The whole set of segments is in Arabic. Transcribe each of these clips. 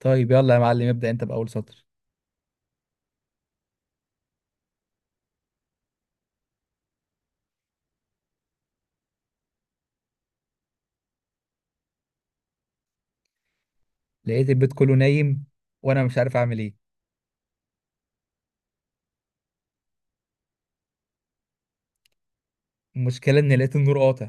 طيب، يلا يا معلم ابدأ انت بأول سطر. لقيت البيت كله نايم وانا مش عارف اعمل ايه. المشكلة اني لقيت النور قاطع،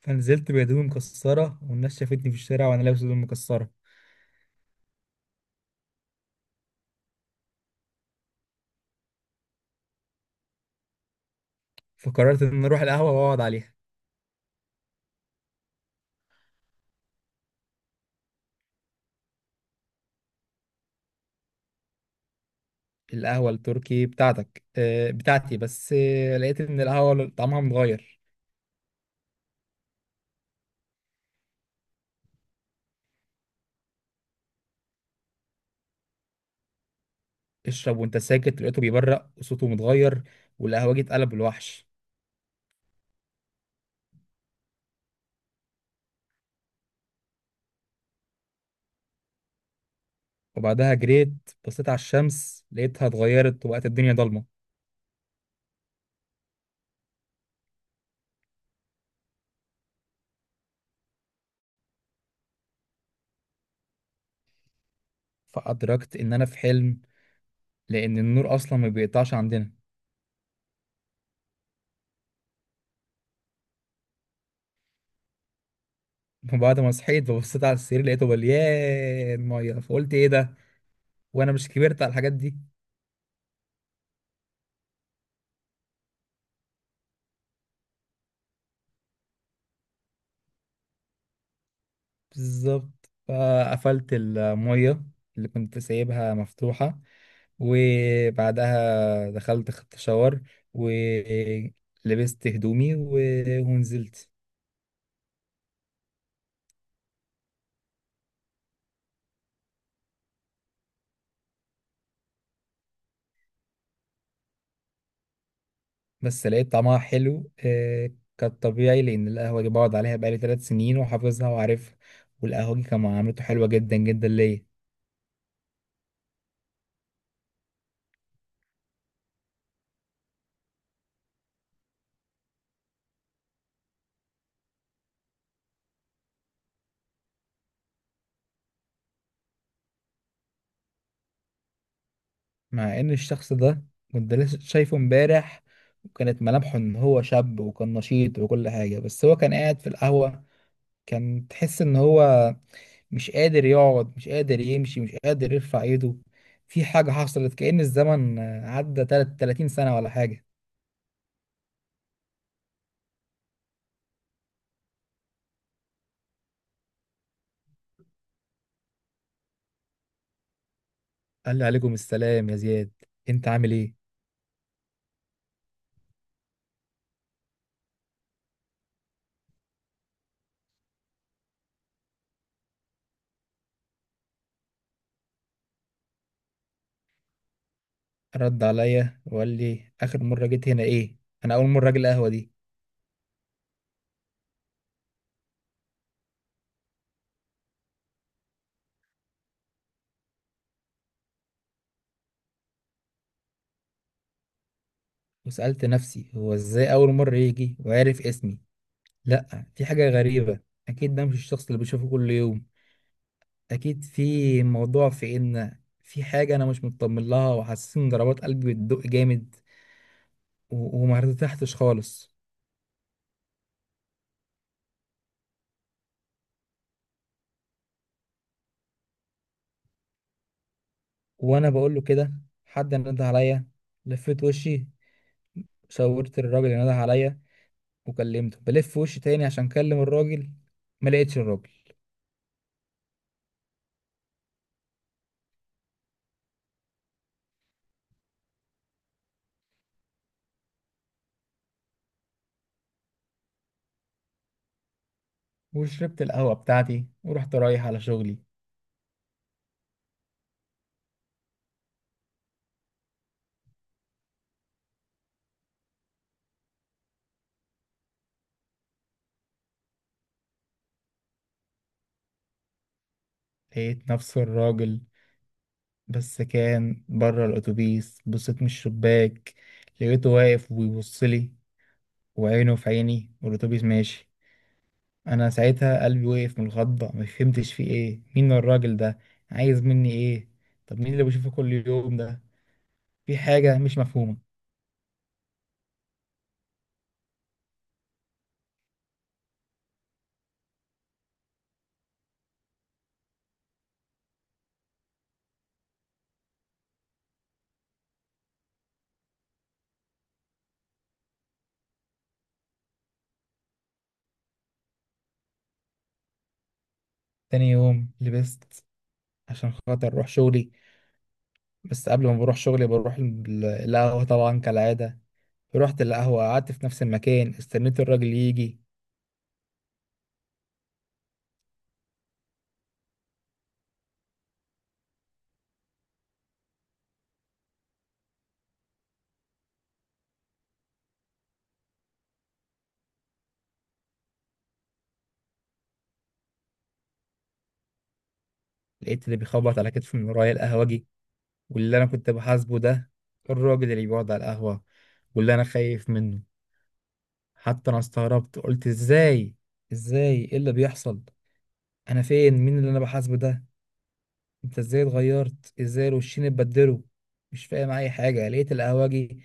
فنزلت بهدومي مكسرة والناس شافتني في الشارع وانا لابس هدوم مكسرة. فقررت ان اروح القهوة واقعد عليها. القهوة التركي بتاعتك؟ اه بتاعتي، بس لقيت ان القهوة طعمها متغير. اشرب وانت ساكت. لقيته بيبرق وصوته متغير، والقهوجي اتقلب الوحش. وبعدها جريت. بصيت على الشمس لقيتها اتغيرت وبقت الدنيا ضلمة، فأدركت إن أنا في حلم، لان النور اصلا ما بيقطعش عندنا. فبعد ما صحيت، فبصيت على السرير لقيته مليان ميه، فقلت ايه ده وانا مش كبرت على الحاجات دي. بالظبط، فقفلت الميه اللي كنت سايبها مفتوحه، وبعدها دخلت خدت شاور ولبست هدومي ونزلت. بس لقيت طعمها حلو، آه، كانت طبيعي، لان القهوه دي بقعد عليها بقالي ثلاث سنين وحافظها وعارفها. والقهوه دي كان معاملته حلوه جدا جدا ليا. مع ان الشخص ده كنت لسه شايفه امبارح، وكانت ملامحه ان هو شاب وكان نشيط وكل حاجة، بس هو كان قاعد في القهوة. كان تحس ان هو مش قادر يقعد، مش قادر يمشي، مش قادر يرفع ايده. في حاجة حصلت، كأن الزمن عدى 30 سنة ولا حاجة. قال لي عليكم السلام يا زياد، انت عامل ايه؟ رد عليا وقال لي اخر مرة جيت هنا ايه؟ انا اول مرة اجي القهوة دي. وسألت نفسي هو ازاي اول مرة يجي وعرف اسمي؟ لا، دي حاجة غريبة. أكيد ده مش الشخص اللي بشوفه كل يوم. أكيد في موضوع، في إن في حاجة أنا مش مطمن لها، وحاسس إن ضربات قلبي بتدق جامد، وما ارتحتش خالص. وأنا بقول له كده، حد نده عليا. لفيت وشي، صورت الراجل اللي نده عليا وكلمته. بلف وشي تاني عشان أكلم الراجل، ما لقيتش الراجل. وشربت القهوة بتاعتي ورحت رايح على شغلي. لقيت نفس الراجل، بس كان بره الأتوبيس. بصيت من الشباك لقيته واقف وبيبص لي، وعينه في عيني، والأتوبيس ماشي. أنا ساعتها قلبي وقف من الخضة. ما فهمتش فيه إيه، مين الراجل ده، عايز مني إيه؟ طب مين اللي بشوفه كل يوم ده؟ في حاجة مش مفهومة. تاني يوم لبست عشان خاطر أروح شغلي، بس قبل ما بروح شغلي بروح القهوة طبعا كالعادة. رحت القهوة، قعدت في نفس المكان، استنيت الراجل يجي. لقيت اللي بيخبط على كتفي من ورايا القهوجي، واللي انا كنت بحاسبه ده الراجل اللي بيقعد على القهوة واللي انا خايف منه. حتى انا استغربت، قلت ازاي، ازاي، ايه اللي بيحصل؟ انا فين؟ مين اللي انا بحاسبه ده؟ انت ازاي اتغيرت؟ ازاي الوشين اتبدلوا؟ مش فاهم اي حاجة. لقيت القهوجي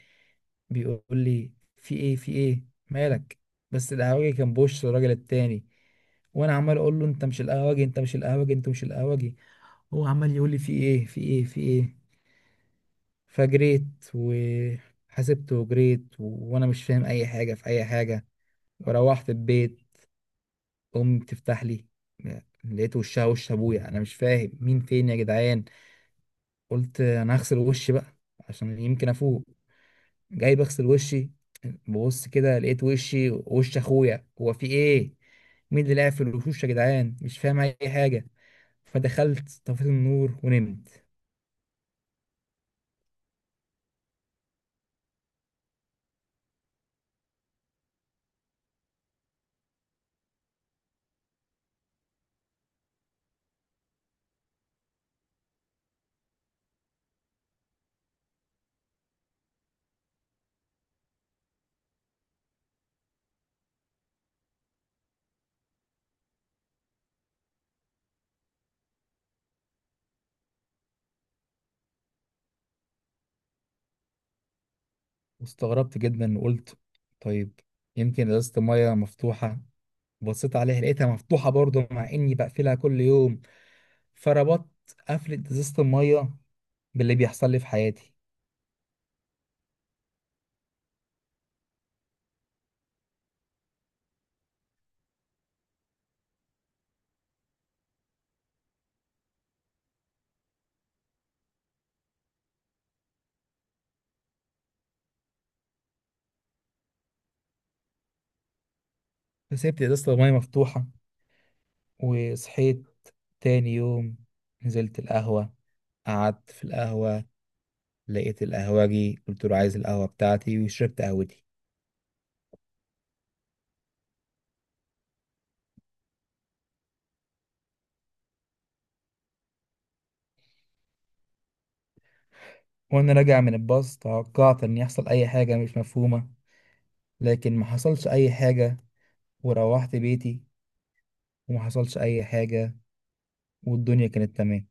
بيقول لي في ايه، في ايه، مالك؟ بس القهوجي كان بوش الراجل التاني. وانا عمال اقول له انت مش القهوجي، انت مش القهوجي، انت مش القهوجي. هو عمال يقول لي في ايه، في ايه، في ايه. فجريت وحسبت وجريت، وانا مش فاهم اي حاجه في اي حاجه. وروحت البيت، امي بتفتح لي، لقيت وشها وش ابويا. انا مش فاهم، مين فين يا جدعان؟ قلت انا هغسل وشي بقى عشان يمكن افوق. جاي بغسل وشي، ببص كده لقيت وشي وش اخويا. هو في ايه؟ مين اللي لعب في الوشوش يا جدعان؟ مش فاهم اي حاجه. فدخلت طفيت النور ونمت. واستغربت جدا وقلت طيب، يمكن ازازة المية مفتوحة. بصيت عليها لقيتها مفتوحة برضه، مع إني بقفلها كل يوم. فربطت قفلة إزازة المية باللي بيحصل لي في حياتي. فسيبت إزازة المية مفتوحة وصحيت. تاني يوم نزلت القهوة، قعدت في القهوة، لقيت القهوجي قلت له عايز القهوة بتاعتي، وشربت قهوتي. وأنا راجع من الباص توقعت إن يحصل أي حاجة مش مفهومة، لكن ما حصلش أي حاجة. وروحت بيتي وما حصلش أي حاجة، والدنيا كانت تمام.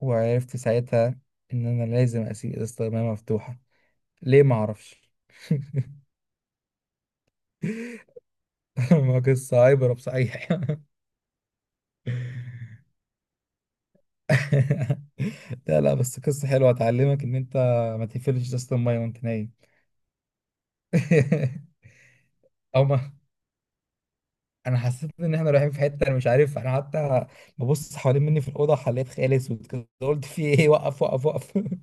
وعرفت ساعتها ان انا لازم اسيب استخدامها مفتوحه. ليه؟ ما اعرفش. ما قصه عبره بصحيح. لا لا، بس قصه حلوه هتعلمك ان انت ما تقفلش ازازه الميه وانت نايم. او ما انا حسيت ان احنا رايحين في حته انا مش عارف. انا حتى ببص حوالين مني في الاوضه حليت خيال اسود كده، قلت في ايه، وقف، وقف، وقف.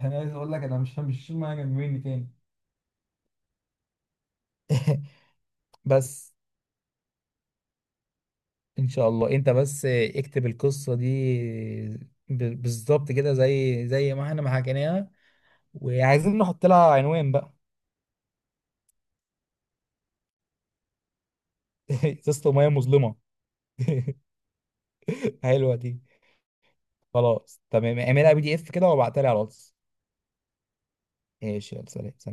انا عايز اقول لك انا مش شايل ميه جنب مني تاني. بس ان شاء الله انت بس اكتب القصه دي بالظبط كده، زي ما احنا ما حكيناها، وعايزين نحط لها عنوان بقى. قصه ميه مظلمه. حلوه دي. خلاص تمام، اعملها بي دي اف كده وابعتها لي على الواتس. ماشي، يلا سلام.